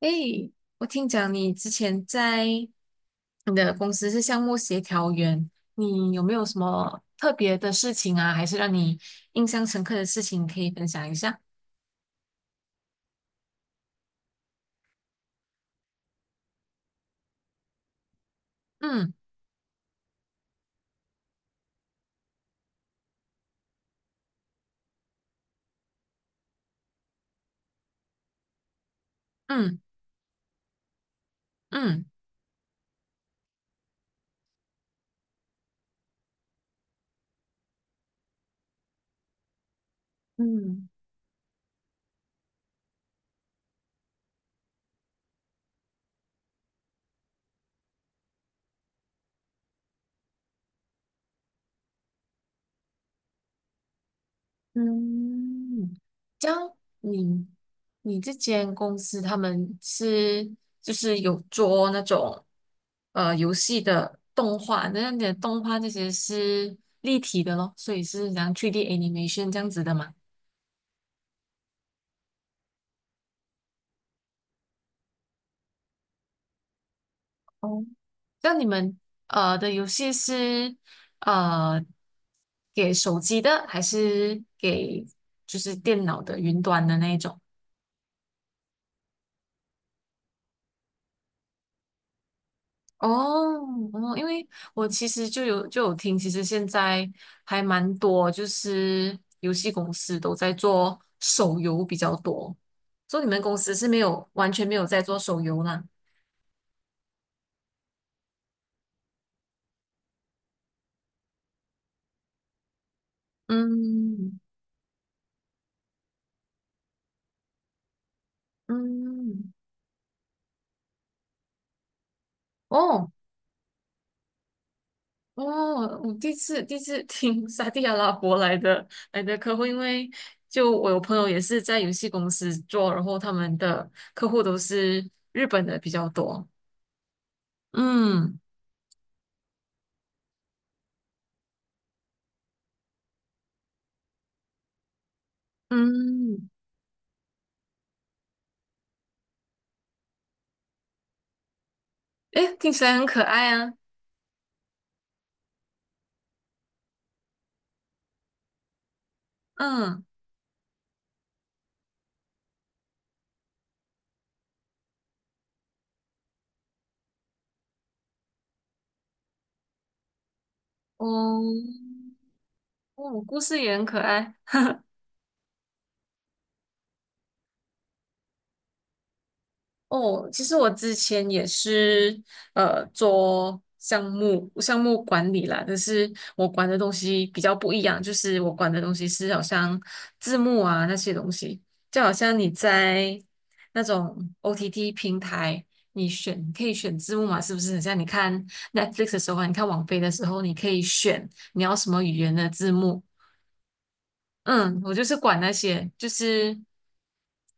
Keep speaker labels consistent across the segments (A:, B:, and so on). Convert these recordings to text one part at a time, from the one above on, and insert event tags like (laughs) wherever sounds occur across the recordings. A: 诶，我听讲你之前在你的公司是项目协调员，你有没有什么特别的事情啊，还是让你印象深刻的事情可以分享一下？嗯嗯嗯嗯嗯，这样你你这间公司他们是就是有做那种游戏的动画，那你的动画这些是立体的咯，所以是像去 d animation 这样子的嘛？哦，那你们的游戏是呃给手机的，还是给就是电脑的云端的那一种？哦哦，因为我其实就有听，其实现在还蛮多，就是游戏公司都在做手游比较多，所以你们公司是没有完全没有在做手游啦。嗯嗯，哦，哦，我第一次听 (laughs) 沙地阿拉伯来的客户，因为就我有朋友也是在游戏公司做，然后他们的客户都是日本的比较多。嗯嗯，诶，听起来很可爱啊。嗯，哦，哦，故事也很可爱。哦，其实我之前也是做项目管理啦，但是我管的东西比较不一样，就是我管的东西是好像字幕啊那些东西，就好像你在那种 OTT 平台，你选可以选字幕嘛，是不是？很像你看 Netflix 的时候啊，你看网飞的时候，你可以选你要什么语言的字幕，嗯，我就是管那些，就是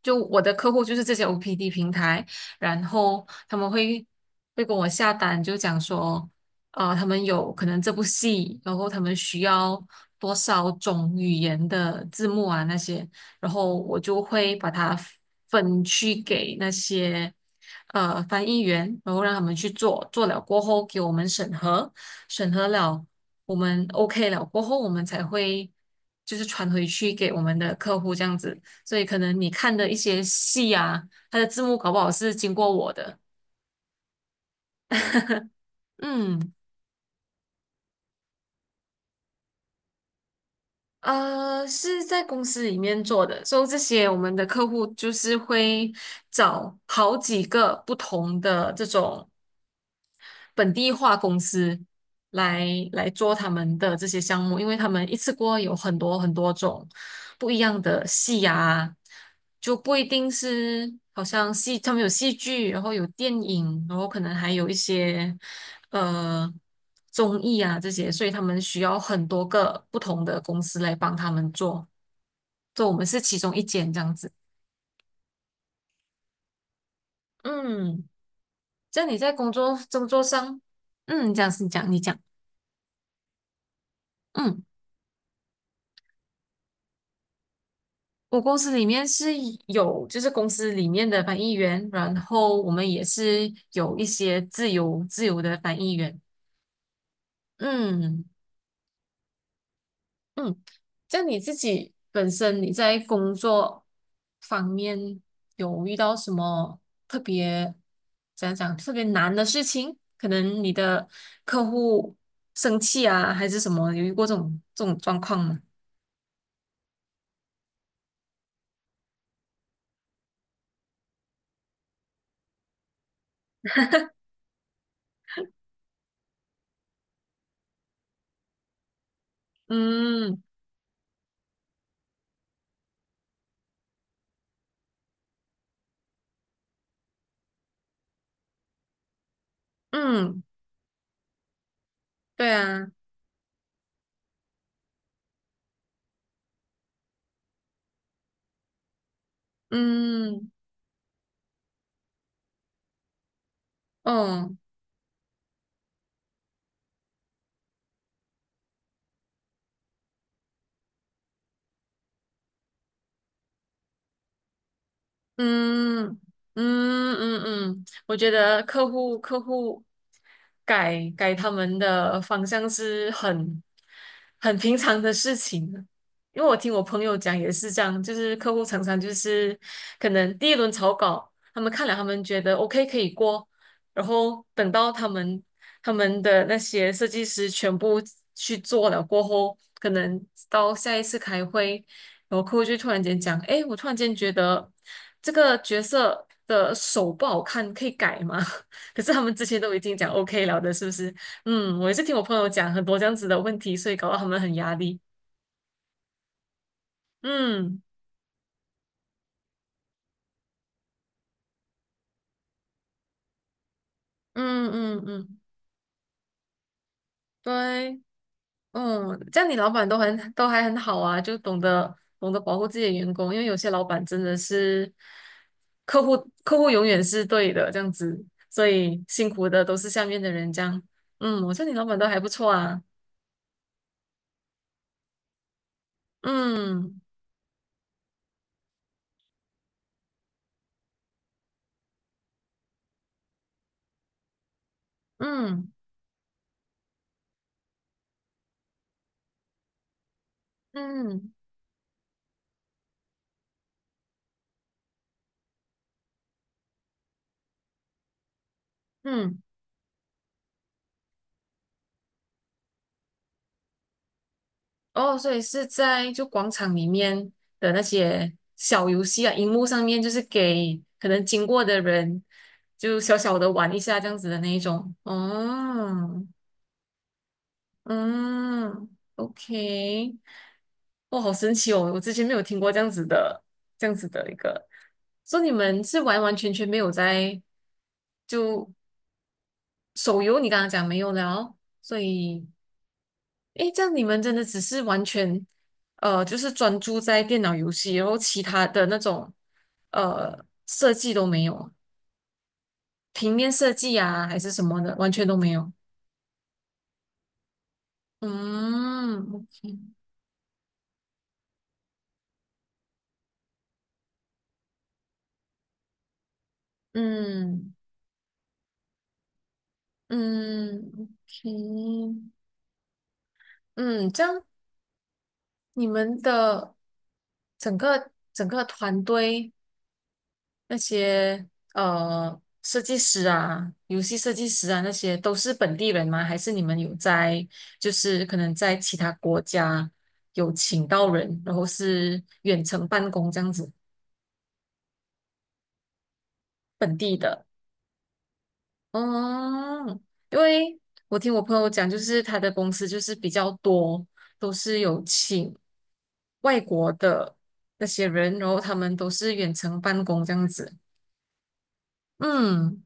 A: 就我的客户就是这些 OPD 平台，然后他们会跟我下单，就讲说，他们有可能这部戏，然后他们需要多少种语言的字幕啊那些，然后我就会把它分区给那些翻译员，然后让他们去做，做了过后给我们审核，审核了。我们 OK 了过后，我们才会就是传回去给我们的客户这样子。所以可能你看的一些戏啊，它的字幕搞不好是经过我的。(laughs) 嗯，是在公司里面做的，所以这些我们的客户就是会找好几个不同的这种。本地化公司来来做他们的这些项目，因为他们一次过有很多很多种不一样的戏啊，就不一定是好像戏，他们有戏剧，然后有电影，然后可能还有一些呃综艺啊这些，所以他们需要很多个不同的公司来帮他们做，所以我们是其中一间这样子。嗯，这样你在工作上，嗯，这样是你讲，嗯。我公司里面是有，就是公司里面的翻译员，然后我们也是有一些自由的翻译员。嗯嗯，像你自己本身你在工作方面有遇到什么特别，怎样讲，特别难的事情？可能你的客户生气啊，还是什么？有遇过这种状况吗？嗯嗯，对啊，嗯。哦，嗯嗯嗯嗯，我觉得客户改改他们的方向是很平常的事情的因为我听我朋友讲也是这样，就是客户常常就是可能第一轮草稿，他们看了他们觉得 OK 可以过，然后等到他们的那些设计师全部去做了过后，可能到下一次开会。然后客户就突然间讲，哎，我突然间觉得这个角色的手不好看，可以改吗？(laughs) 可是他们之前都已经讲 OK 了的，是不是？嗯，我也是听我朋友讲很多这样子的问题，所以搞到他们很压力。嗯嗯嗯嗯，对。嗯，这样你老板都还很好啊，就懂得保护自己的员工，因为有些老板真的是客户客户永远是对的这样子，所以辛苦的都是下面的人这样。嗯，我说你老板都还不错啊。嗯嗯嗯嗯，哦，所以是在就广场里面的那些小游戏啊，荧幕上面就是给可能经过的人就小小的玩一下这样子的那一种。哦。嗯，OK，哇，好神奇哦！我之前没有听过这样子的，这样子的一个，说你们是完完全全没有在就手游，你刚刚讲没有了，所以，诶，这样你们真的只是完全，就是专注在电脑游戏，然后其他的那种设计都没有，平面设计啊还是什么的，完全都没有。嗯，OK，嗯嗯，OK。嗯，这样你们的整个团队那些设计师啊、游戏设计师啊那些都是本地人吗？还是你们有在就是可能在其他国家有请到人，然后是远程办公这样子本地的？嗯，因为我听我朋友讲，就是他的公司就是比较多，都是有请外国的那些人，然后他们都是远程办公这样子。嗯，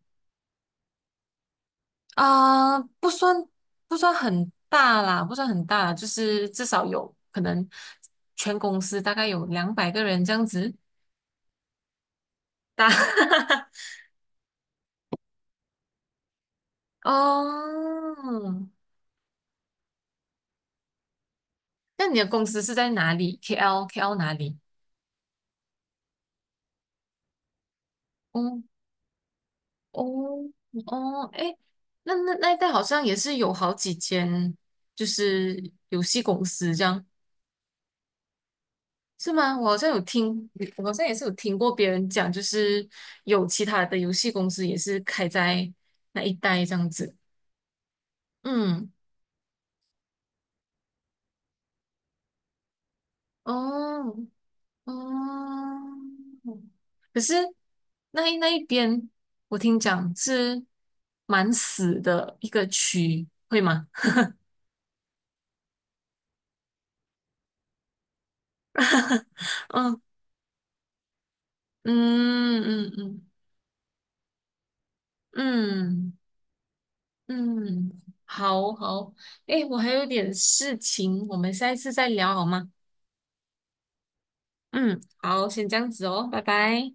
A: 啊、不算很大啦，不算很大啦就是至少有可能全公司大概有200个人这样子大。(laughs) 哦，那你的公司是在哪里？KL 哪里？哦哦哦，哎，那一带好像也是有好几间，就是游戏公司这样，是吗？我好像有听，我好像也是有听过别人讲，就是有其他的游戏公司也是开在那一带这样子。嗯，哦哦，可是那一边我听讲是蛮死的一个区，会吗？(laughs) 嗯嗯嗯嗯。嗯嗯，好好，诶，我还有点事情，我们下一次再聊好吗？嗯，好，先这样子哦，拜拜。